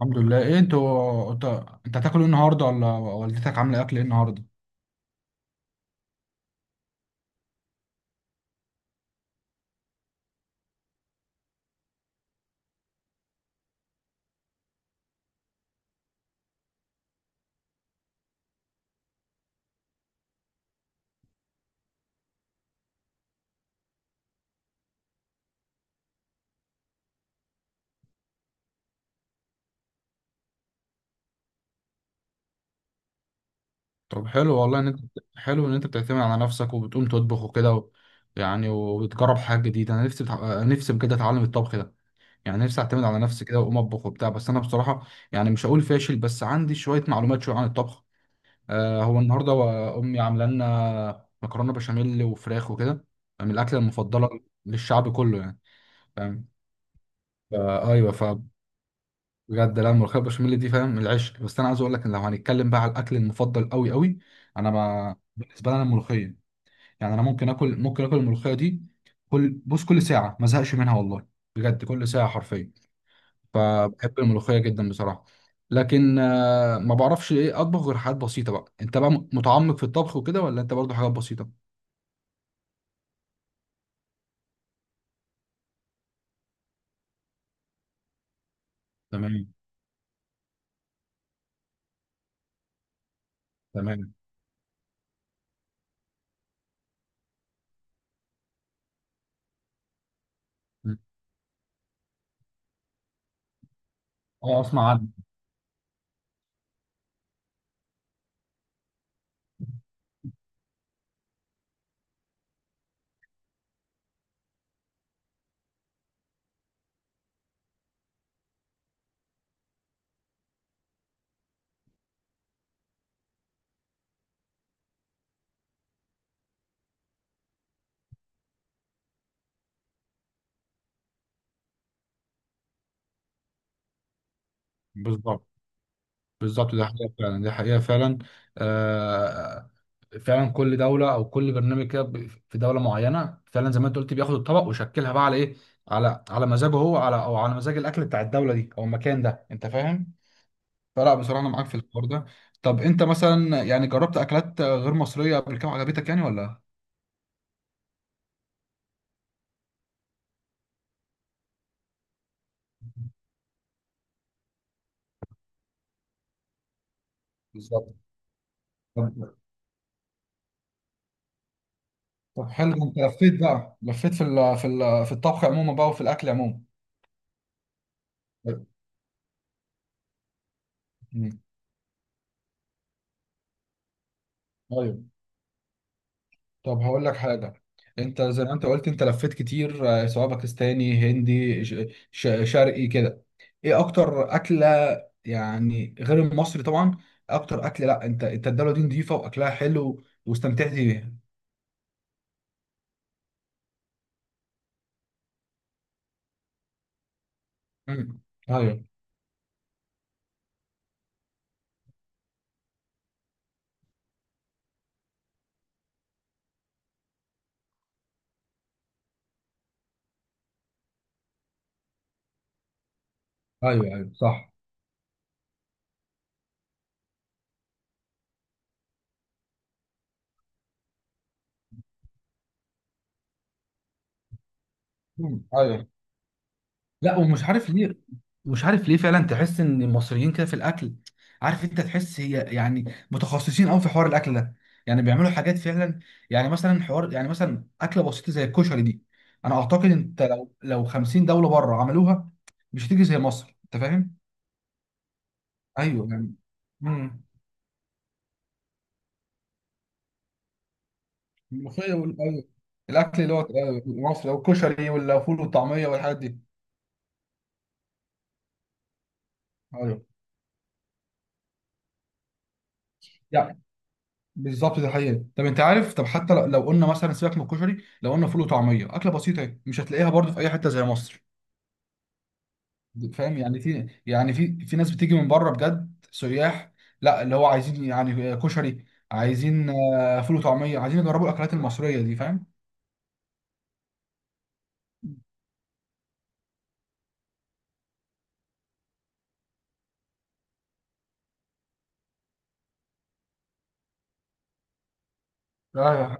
الحمد لله، ايه انتوا انت هتاكل ايه النهارده ولا والدتك عامله اكل ايه النهارده؟ طب حلو والله ان انت. حلو ان انت بتعتمد على نفسك وبتقوم تطبخ وكده يعني وبتجرب حاجه جديده. انا نفسي نفسي بجد اتعلم الطبخ ده، يعني نفسي اعتمد على نفسي كده واقوم اطبخ وبتاع. بس انا بصراحه يعني مش هقول فاشل، بس عندي شويه معلومات شويه عن الطبخ. آه، هو النهارده امي عامله لنا مكرونه بشاميل وفراخ وكده، من الاكله المفضله للشعب كله يعني. فاهم؟ آه ايوه. بجد لا، الملوخيه البشاميل دي فاهم العشق، بس انا عايز اقول لك ان لو هنتكلم بقى على الاكل المفضل قوي قوي، انا ما بالنسبه لي انا الملوخيه. يعني انا ممكن اكل، ممكن اكل الملوخيه دي كل، بص، كل ساعه ما زهقش منها والله، بجد كل ساعه حرفيا. فبحب الملوخيه جدا بصراحه. لكن ما بعرفش ايه اطبخ غير حاجات بسيطه. بقى انت بقى متعمق في الطبخ وكده ولا انت برضو حاجات بسيطه؟ تمام. تمام. اه اسمع عنه. بالظبط. بالظبط ده حقيقه فعلا، ده حقيقه فعلا. آه، فعلا كل دوله او كل برنامج كده في دوله معينه، فعلا زي ما انت قلت بياخد الطبق ويشكلها بقى على ايه، على على مزاجه هو، على او على مزاج الاكل بتاع الدوله دي او المكان ده. انت فاهم؟ فلا بصراحه انا معاك في الحوار ده. طب انت مثلا يعني جربت اكلات غير مصريه قبل كده عجبتك يعني ولا؟ بالظبط. طب. طب حلو، ده انت لفيت بقى، لفيت في ال في ال في الطبخ عموما بقى وفي الاكل عموما. مم. ايوه. طب هقول لك حاجة، انت زي ما انت قلت انت لفيت كتير، سواء باكستاني هندي شرقي كده. ايه اكتر اكلة، يعني غير المصري طبعا، اكتر اكل لا انت انت الدولة دي نظيفة واكلها حلو واستمتعت بيها؟ مم. ايوه. ايوه ايوه صح. مم. ايوه. لا ومش عارف ليه، مش عارف ليه فعلا تحس ان المصريين كده في الاكل، عارف انت، تحس هي يعني متخصصين قوي في حوار الاكل ده، يعني بيعملوا حاجات فعلا. يعني مثلا حوار، يعني مثلا اكله بسيطه زي الكشري دي، انا اعتقد انت لو 50 دوله بره عملوها مش هتيجي زي مصر. انت فاهم؟ ايوه يعني. امم. الملوخيه أيوة. الاكل اللي هو مصر والكشري والفول والطعميه والحاجات دي. ايوه يعني. بالظبط، ده حقيقة. طب انت عارف، طب حتى لو قلنا مثلا سيبك من الكشري، لو قلنا فول وطعمية أكلة بسيطة اهي، مش هتلاقيها برضه في أي حتة زي مصر. فاهم يعني؟ في يعني، في في ناس بتيجي من بره بجد سياح، لا اللي هو عايزين يعني كشري، عايزين فول وطعمية، عايزين يجربوا الأكلات المصرية دي. فاهم؟ ايوه.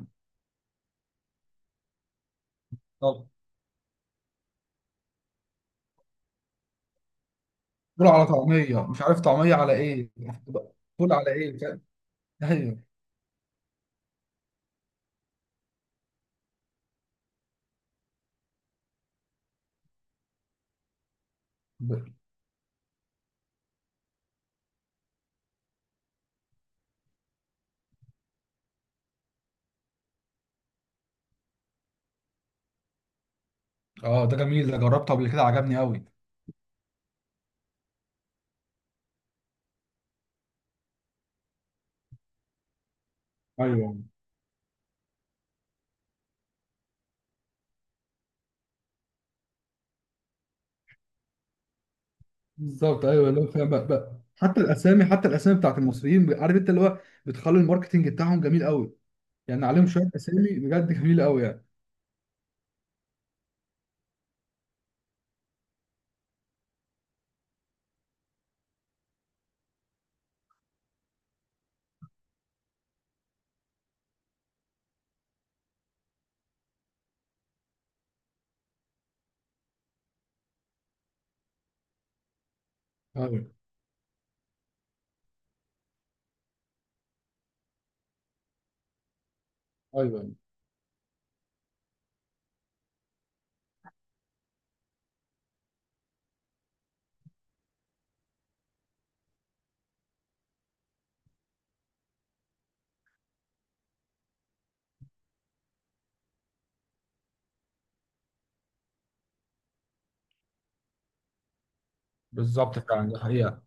طب فول على طعمية، مش عارف طعمية على إيه، فول على إيه، فاهم؟ ايوه. ب- اه ده جميل، ده جربته قبل كده عجبني قوي. ايوه بالظبط، ايوه اللي هو فاهم بقى, بقى. حتى الاسامي، حتى الاسامي بتاعت المصريين، عارف انت اللي هو بتخلي الماركتنج بتاعهم جميل قوي. يعني عليهم شويه اسامي بجد جميله قوي يعني. ايوه. ايوه بالظبط فعلا، دي حقيقة.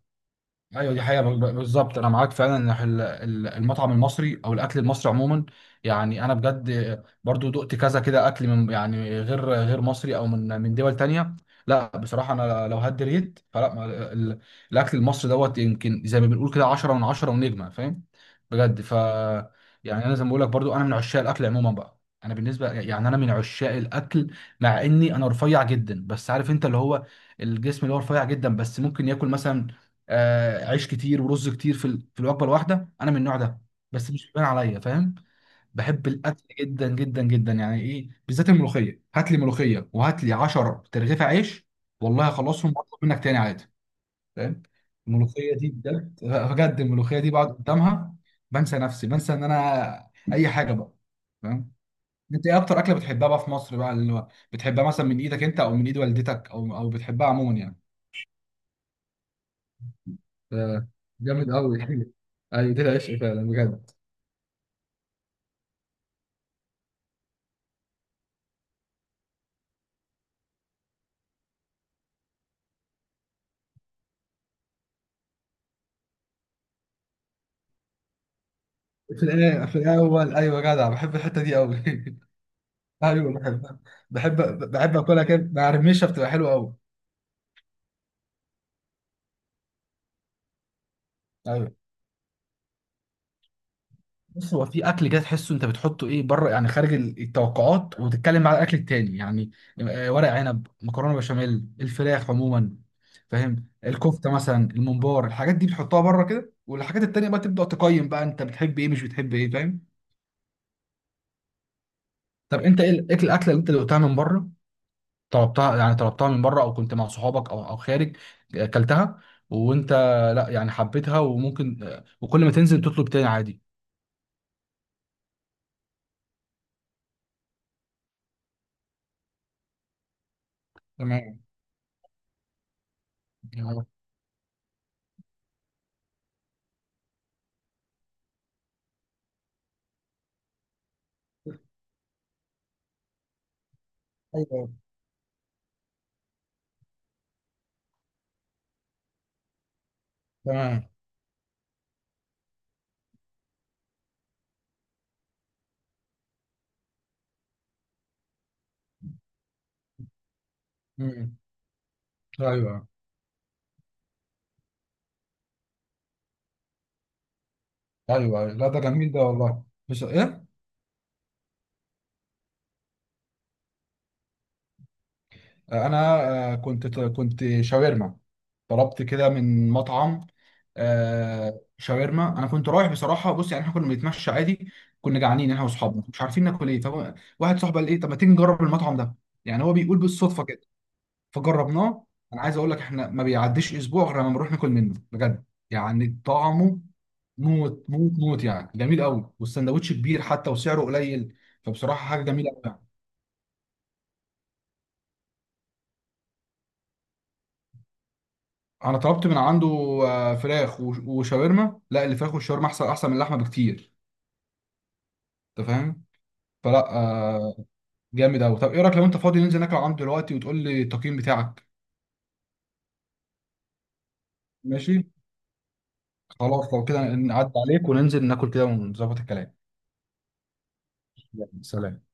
ايوه دي حقيقة بالظبط. انا معاك فعلا ان المطعم المصري او الاكل المصري عموما، يعني انا بجد برضو دقت كذا كده اكل من، يعني غير غير مصري، او من من دول تانية. لا بصراحة، انا لو هدي ريت، فلا ال- الاكل المصري دوت يمكن زي ما بنقول كده 10 من 10 ونجمة. فاهم؟ بجد. يعني انا زي ما بقول لك برضو، انا من عشاق الاكل عموما بقى. انا بالنسبة يعني انا من عشاق الاكل. مع اني انا رفيع جدا، بس عارف انت اللي هو الجسم اللي هو رفيع جدا، بس ممكن ياكل مثلا عيش كتير ورز كتير في في الوجبه الواحده، انا من النوع ده. بس مش بيبان عليا. فاهم؟ بحب الاكل جدا جدا جدا، يعني ايه بالذات الملوخيه، هات لي ملوخيه وهات لي 10 ترغيفه عيش والله هخلصهم واطلب منك تاني عادي. فاهم؟ الملوخيه دي بجد بجد، الملوخيه دي بقعد قدامها بنسى نفسي، بنسى ان انا اي حاجه بقى. فاهم؟ انت ايه اكتر اكله بتحبها بقى في مصر بقى، اللي هو بتحبها مثلا من ايدك انت او من ايد والدتك او او بتحبها عموما يعني؟ آه، جامد قوي. ايوه ده العشق فعلا بجد. في الايه، في الاول، ايوه جدع، بحب الحته دي قوي. ايوه بحب، بحب. بحب اكلها كده مع رميشه بتبقى حلوه قوي. ايوه، بص، هو في اكل كده تحسه انت بتحطه ايه بره، يعني خارج التوقعات وتتكلم مع الاكل التاني يعني، ورق عنب، مكرونه بشاميل، الفراخ عموما. فاهم؟ الكفته مثلا، الممبار، الحاجات دي بتحطها بره كده، والحاجات التانيه بقى تبدا تقيم بقى انت بتحب ايه مش بتحب ايه. فاهم؟ طب انت ايه الاكل، الاكله اللي انت دقتها من بره، طلبتها يعني، طلبتها من بره او كنت مع صحابك او او خارج اكلتها، وانت لا يعني حبيتها وممكن، وكل ما تنزل تطلب تاني عادي؟ تمام. يعني- ايوه. تمام. مم. ايوه. ايوه أيوة. لا ده جميل ده والله. بس ايه، انا كنت شاورما، طلبت كده من مطعم شاورما. انا كنت رايح بصراحه، بص، يعني احنا كنا بنتمشى عادي، كنا جعانين احنا واصحابنا، مش عارفين ناكل ايه، فواحد صاحبي قال ايه طب ما تيجي نجرب المطعم ده، يعني هو بيقول بالصدفه كده، فجربناه. انا عايز اقول لك احنا ما بيعديش اسبوع غير لما بنروح ناكل منه بجد. يعني طعمه موت موت موت، يعني جميل قوي، والسندوتش كبير حتى وسعره قليل. فبصراحه حاجه جميله قوي يعني. انا طلبت من عنده فراخ وشاورما، لا، الفراخ والشاورما احسن احسن من اللحمه بكتير. انت فاهم؟ فلا آه، جامد قوي. طب ايه رايك لو انت فاضي ننزل ناكل عنده دلوقتي وتقول لي التقييم بتاعك؟ ماشي. خلاص، لو كده نعدي عليك وننزل ناكل كده ونظبط الكلام. يلا، سلام.